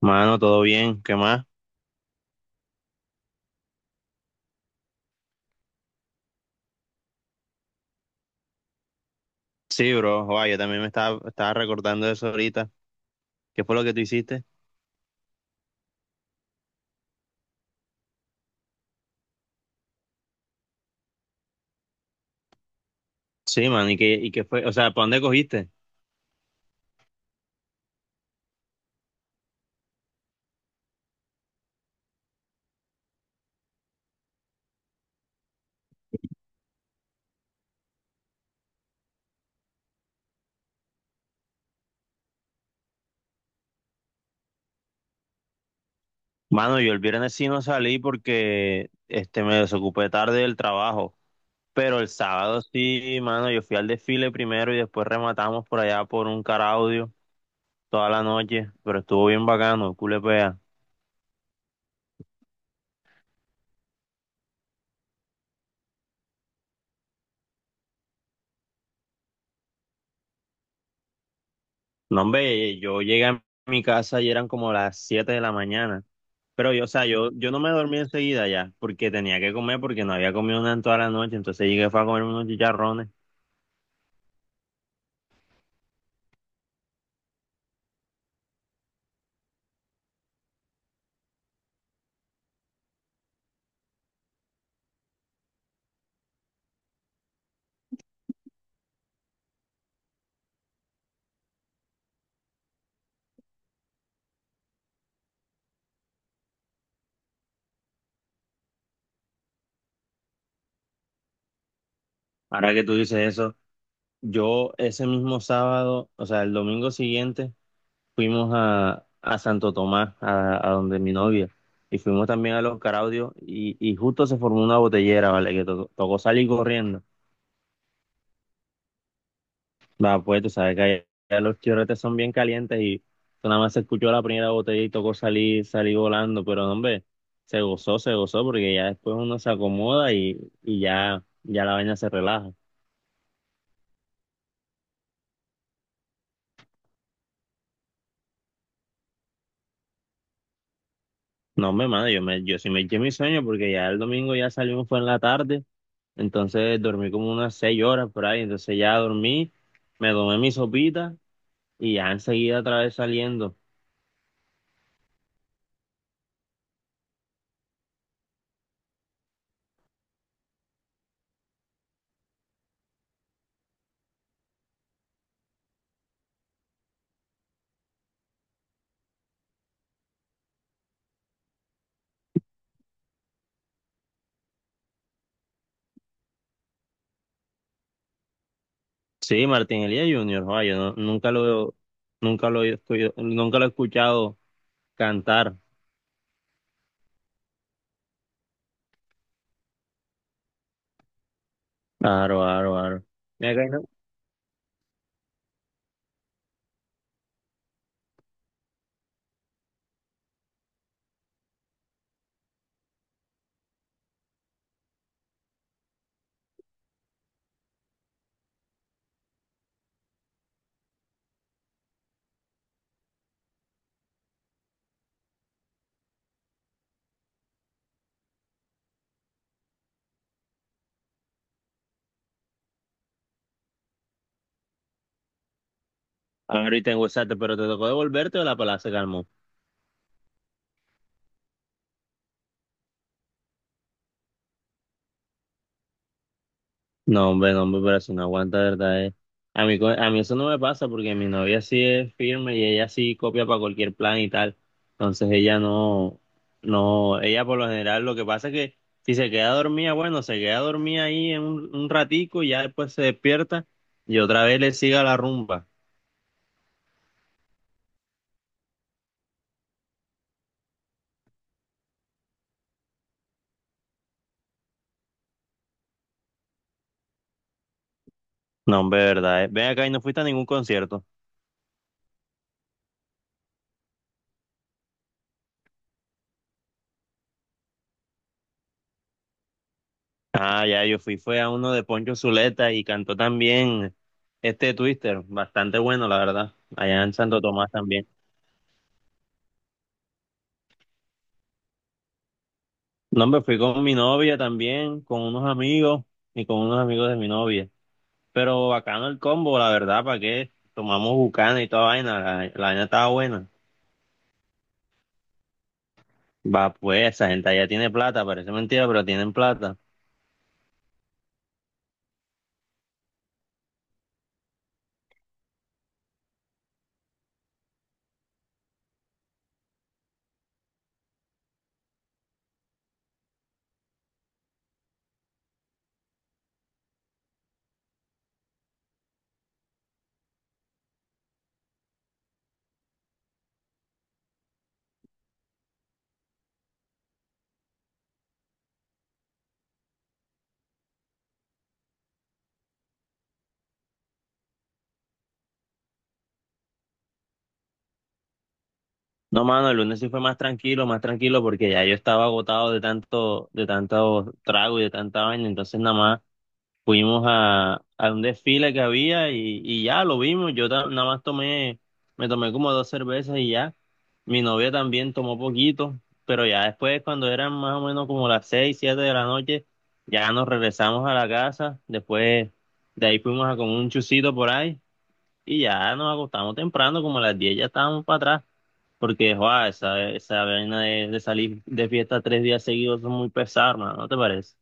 Mano, todo bien, ¿qué más? Sí, bro, joa, yo también estaba recordando de eso ahorita. ¿Qué fue lo que tú hiciste? Sí, man, ¿y qué fue? O sea, ¿para dónde cogiste? Mano, yo el viernes sí no salí porque me desocupé tarde del trabajo, pero el sábado sí, mano, yo fui al desfile primero y después rematamos por allá por un caraudio toda la noche, pero estuvo bien bacano, culepea. No, hombre, yo llegué a mi casa y eran como las 7 de la mañana. Pero yo, o sea, yo no me dormí enseguida ya, porque tenía que comer, porque no había comido nada en toda la noche, entonces llegué fue a comer unos chicharrones. Ahora que tú dices eso, yo ese mismo sábado, o sea, el domingo siguiente, fuimos a Santo Tomás, a donde mi novia, y fuimos también a Los Caraudios, y justo se formó una botellera, ¿vale? Que tocó salir corriendo. Va, pues tú sabes que allá los chorretes son bien calientes y tú nada más se escuchó la primera botella y tocó salir volando, pero hombre, se gozó, porque ya después uno se acomoda y ya, ya la vaina se relaja. No, hombre, mano, yo sí me eché mi sueño porque ya el domingo ya salimos, fue en la tarde, entonces dormí como unas 6 horas por ahí, entonces ya dormí, me tomé mi sopita y ya enseguida otra vez saliendo. Sí, Martín Elías Junior, joa, yo no- nunca lo, nunca lo, he escu- nunca lo he escuchado cantar. Claro, claro, claro. Mira que no. Ahorita y te enguesaste, pero te tocó devolverte o la pala se calmó. No, hombre, no, hombre, pero si no aguanta, de verdad. A mí, a mí eso no me pasa porque mi novia sí es firme y ella sí copia para cualquier plan y tal. Entonces ella no, no, ella por lo general lo que pasa es que si se queda dormida, bueno, se queda dormida ahí en un ratico y ya después se despierta y otra vez le sigue a la rumba. No, hombre, de verdad. Ven acá y no fuiste a ningún concierto. Ah, ya, fue a uno de Poncho Zuleta y cantó también este Twister, bastante bueno, la verdad, allá en Santo Tomás también. No, me fui con mi novia también, con unos amigos y con unos amigos de mi novia. Pero bacano el combo, la verdad, ¿para qué? Tomamos bucana y toda vaina, la vaina estaba buena. Va, pues, esa gente allá tiene plata, parece mentira, pero tienen plata. No, mano, el lunes sí fue más tranquilo, porque ya yo estaba agotado de tanto trago y de tanta vaina, entonces nada más. Fuimos a un desfile que había y ya lo vimos. Yo ta- nada más tomé, Me tomé como dos cervezas y ya. Mi novia también tomó poquito, pero ya después, cuando eran más o menos como las 6, 7 de la noche, ya nos regresamos a la casa. Después de ahí fuimos a comer un chucito por ahí y ya nos acostamos temprano, como a las 10 ya estábamos para atrás, porque joa, esa vaina de salir de fiesta 3 días seguidos es muy pesada, hermano, ¿no te parece?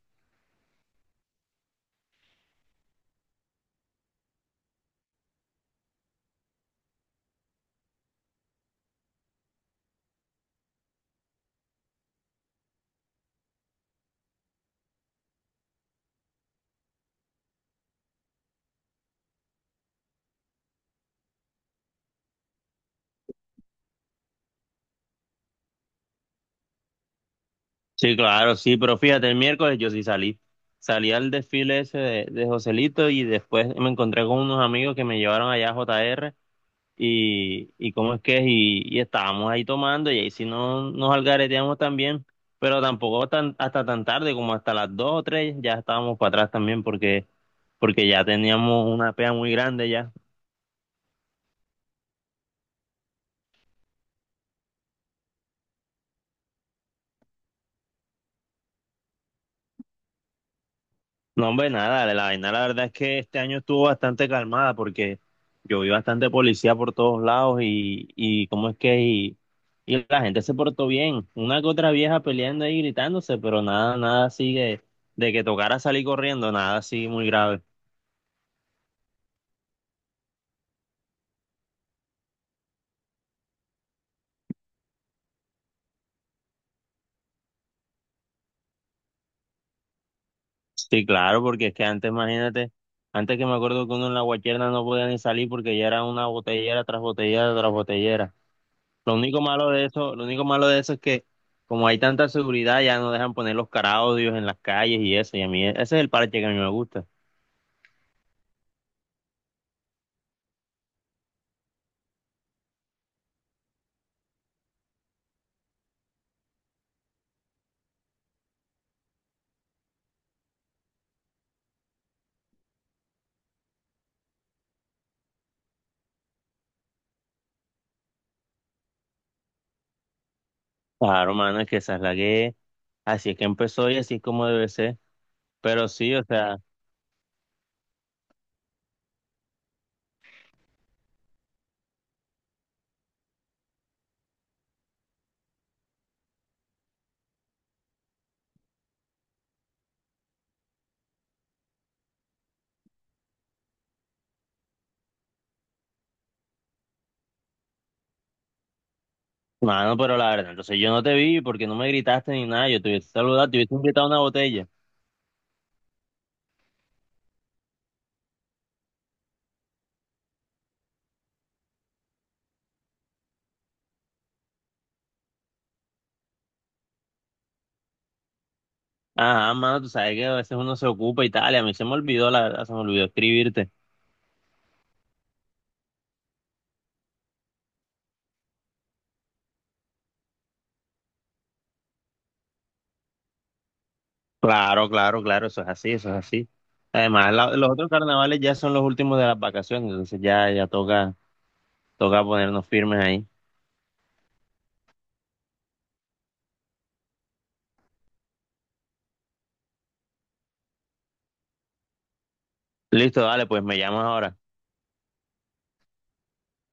Sí, claro, sí, pero fíjate, el miércoles yo sí salí. Salí al desfile ese de Joselito y después me encontré con unos amigos que me llevaron allá a JR y cómo es que es, y estábamos ahí tomando y ahí sí no, nos algareteamos también, pero tampoco tan, hasta tan tarde como hasta las 2 o 3 ya estábamos para atrás también porque ya teníamos una pea muy grande ya. No, hombre, nada, la vaina, la verdad es que este año estuvo bastante calmada porque yo vi bastante policía por todos lados y cómo es que, y la gente se portó bien, una que otra vieja peleando ahí gritándose, pero nada, nada sigue de que tocara salir corriendo, nada así muy grave. Sí, claro, porque es que antes, imagínate, antes que me acuerdo que uno en la guacherna no podía ni salir porque ya era una botellera tras botellera tras botellera. Lo único malo de eso, lo único malo de eso es que como hay tanta seguridad ya no dejan poner los caraudios en las calles y eso, ese es el parche que a mí me gusta. Claro, mano, es que esa es la que, así es que empezó y así es como debe ser. Pero sí, o sea, mano, pero la verdad, entonces yo no te vi porque no me gritaste ni nada, yo te hubiese saludado, te hubiese invitado a una botella. Ajá, mano, tú sabes que a veces uno se ocupa y tal, y a mí se me olvidó, la verdad, se me olvidó escribirte. Claro, claro, claro, eso es así, eso es así. Además, los otros carnavales ya son los últimos de las vacaciones, entonces ya, ya toca, toca ponernos firmes ahí. Listo, dale, pues me llamas ahora.